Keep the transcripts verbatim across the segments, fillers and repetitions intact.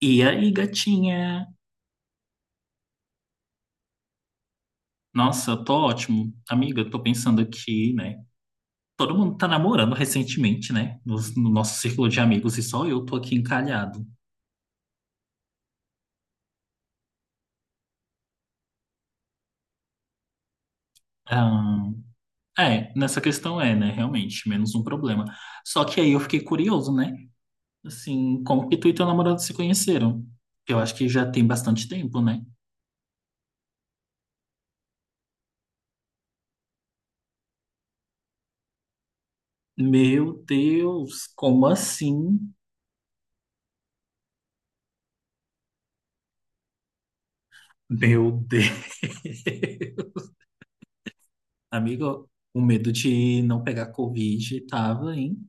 E aí, gatinha? Nossa, eu tô ótimo. Amiga, eu tô pensando aqui, né? Todo mundo tá namorando recentemente, né? Nos- No, Nosso círculo de amigos e só eu tô aqui encalhado. Ah, é, nessa questão é, né? Realmente, menos um problema. Só que aí eu fiquei curioso, né? Assim, como que tu e teu namorado se conheceram? Eu acho que já tem bastante tempo, né? Meu Deus, como assim? Meu Deus. Amigo, o medo de não pegar Covid tava, hein?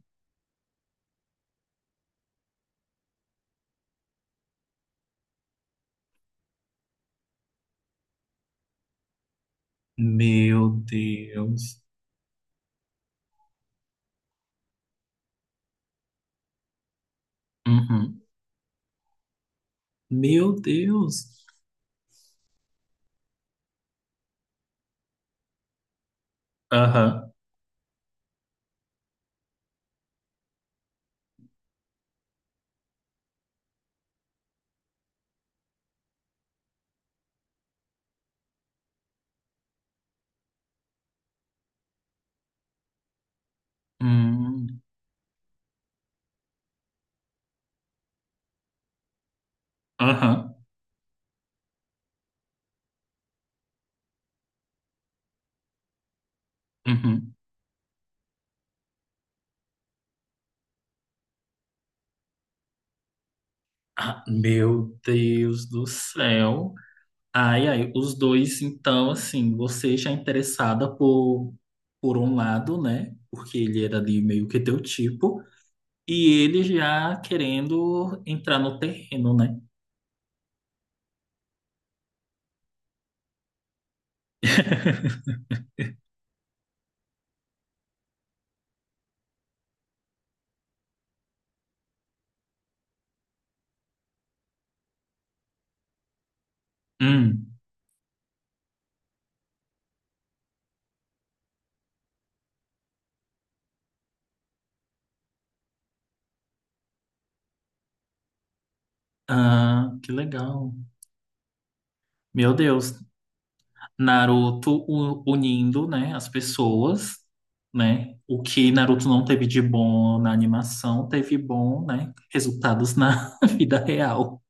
Meu Deus. Uhum. Meu Deus. Aham. Hum. Aham. Uhum. Ah, meu Deus do céu. Ai, ai, os dois, então, assim, você já é interessada por, por um lado, né? Porque ele era ali meio que teu tipo, e ele já querendo entrar no terreno, né? Hum. Ah, que legal. Meu Deus. Naruto u- unindo, né, as pessoas, né? O que Naruto não teve de bom na animação, teve bom, né, resultados na vida real.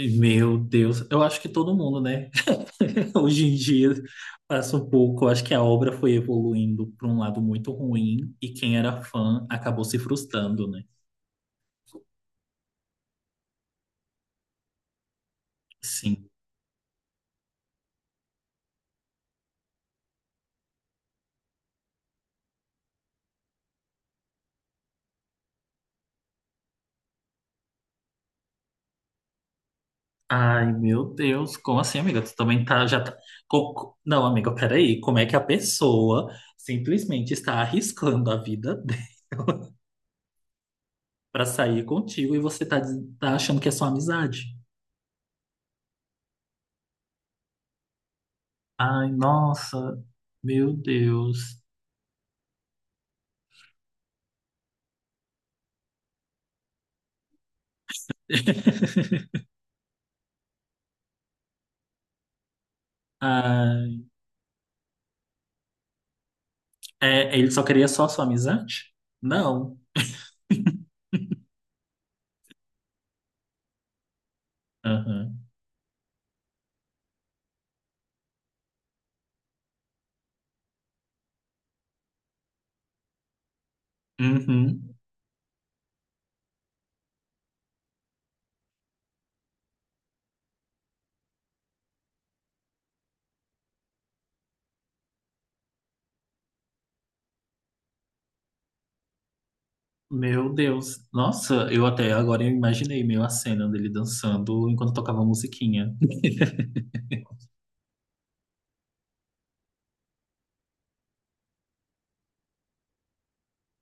Meu Deus, eu acho que todo mundo, né, hoje em dia passa um pouco. Eu acho que a obra foi evoluindo para um lado muito ruim e quem era fã acabou se frustrando, né? Sim. Ai, meu Deus, como assim, amiga? Tu também tá, já tá... co- co- Não, amiga, peraí, como é que a pessoa simplesmente está arriscando a vida dela pra sair contigo e você tá, diz- tá achando que é só amizade? Ai, nossa, meu Deus. Ai, é, ele só queria só sua amizade? Não. Aham. Uhum. Meu Deus. Nossa, eu até agora eu imaginei meio a cena dele dançando enquanto tocava musiquinha.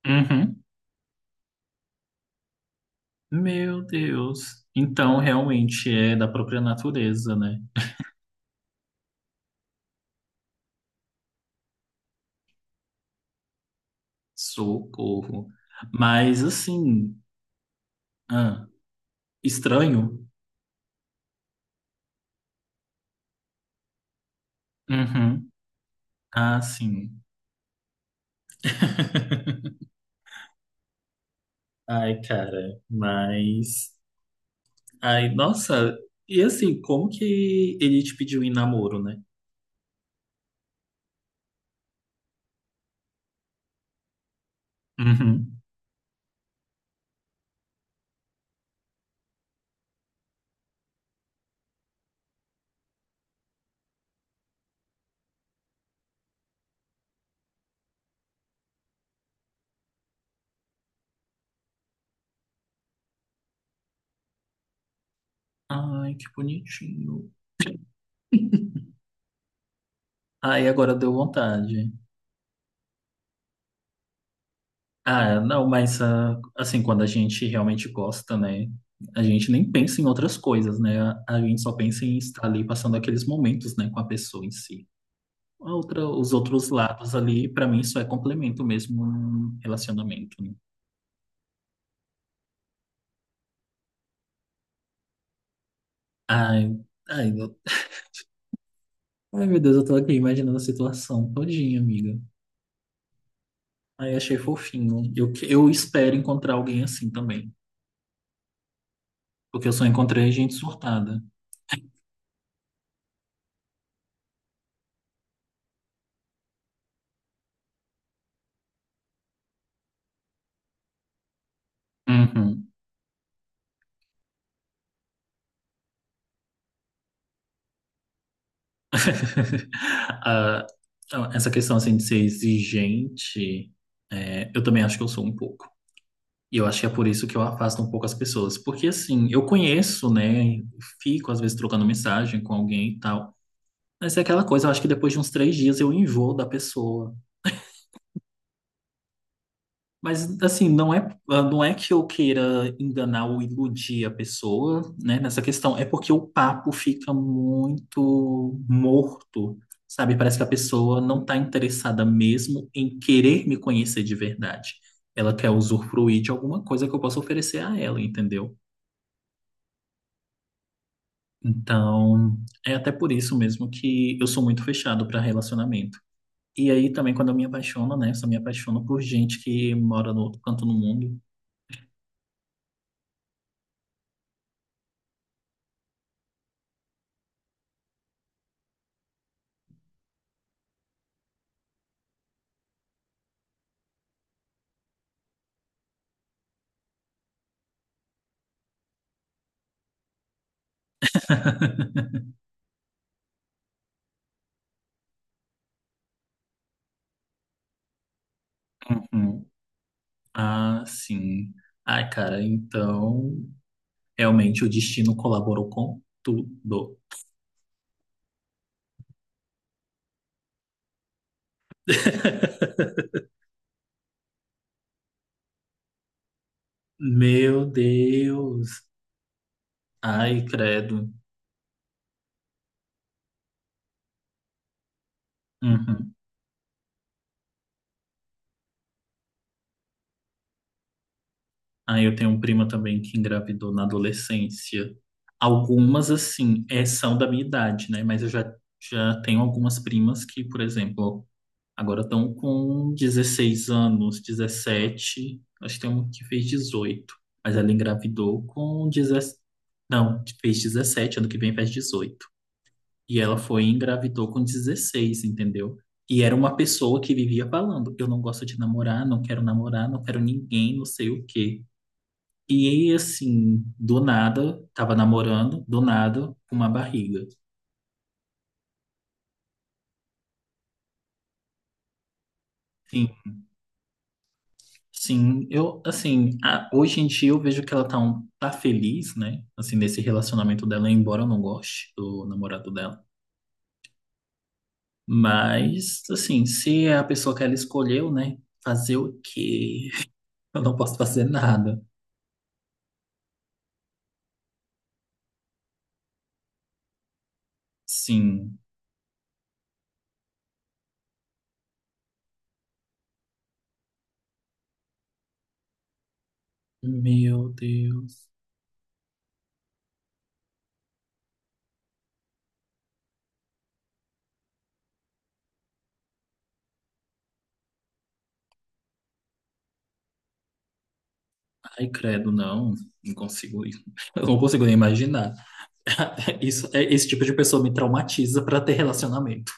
Uhum. Meu Deus. Então, realmente é da própria natureza, né? Socorro. Mas, assim, ah, estranho. Uhum. Ah, sim. Ai, cara, mas. Ai, nossa. E assim, como que ele te pediu em namoro, né? Uhum. Ai, que bonitinho. Ai, agora deu vontade. Ah, é, não, mas ah, assim, quando a gente realmente gosta, né? A gente nem pensa em outras coisas, né? A gente só pensa em estar ali passando aqueles momentos, né, com a pessoa em si. A outra, os outros lados ali, pra mim, só é complemento mesmo num relacionamento, né? Ai, ai, eu- ai, meu Deus, eu tô aqui imaginando a situação todinha, amiga. Ai, achei fofinho. Eu, que- eu espero encontrar alguém assim também, porque eu só encontrei gente surtada. Uhum. Ah, então, essa questão assim de ser exigente, é, eu também acho que eu sou um pouco. E eu acho que é por isso que eu afasto um pouco as pessoas. Porque assim, eu conheço, né? Fico às vezes trocando mensagem com alguém e tal. Mas é aquela coisa, eu acho que depois de uns três dias eu enjoo da pessoa. Mas assim, não é, não é que eu queira enganar ou iludir a pessoa, né, nessa questão, é porque o papo fica muito morto, sabe? Parece que a pessoa não está interessada mesmo em querer me conhecer de verdade. Ela quer usufruir de alguma coisa que eu possa oferecer a ela, entendeu? Então, é até por isso mesmo que eu sou muito fechado para relacionamento. E aí também quando eu me apaixono, né, eu só me apaixono por gente que mora no outro canto do mundo. Ah, sim. Ai, cara, então realmente o destino colaborou com tudo. Meu Deus. Ai, credo. Uhum. Aí eu tenho uma prima também que engravidou na adolescência. Algumas, assim, é, são da minha idade, né? Mas eu já, já tenho algumas primas que, por exemplo, agora estão com dezesseis anos, dezessete. Acho que tem um que fez dezoito. Mas ela engravidou com dezessete. Não, fez dezessete, ano que vem faz dezoito. E ela foi e engravidou com dezesseis, entendeu? E era uma pessoa que vivia falando: eu não gosto de namorar, não quero namorar, não quero ninguém, não sei o quê. E aí, assim, do nada, tava namorando, do nada, com uma barriga. Sim. Sim, eu, assim, a- hoje em dia eu vejo que ela tá, um- tá feliz, né? Assim, nesse relacionamento dela, embora eu não goste do namorado dela. Mas, assim, se é a pessoa que ela escolheu, né? Fazer o quê? Eu não posso fazer nada. Sim. Meu Deus. Ai, credo, não. Não consigo. Ir. Eu não consigo nem imaginar. Isso, é- esse tipo de pessoa me traumatiza para ter relacionamento.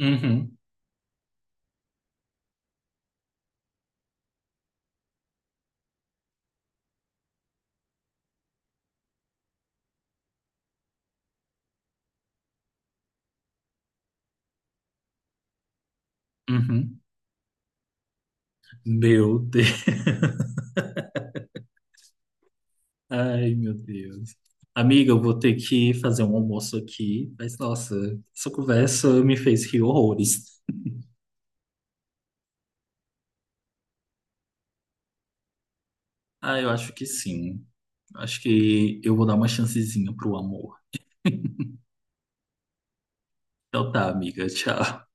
Uhum, uhum. Meu Deus. Ai, meu Deus. Amiga, eu vou ter que fazer um almoço aqui, mas nossa, essa conversa me fez rir horrores. Ah, eu acho que sim. Acho que eu vou dar uma chancezinha pro amor. Então tá, amiga, tchau.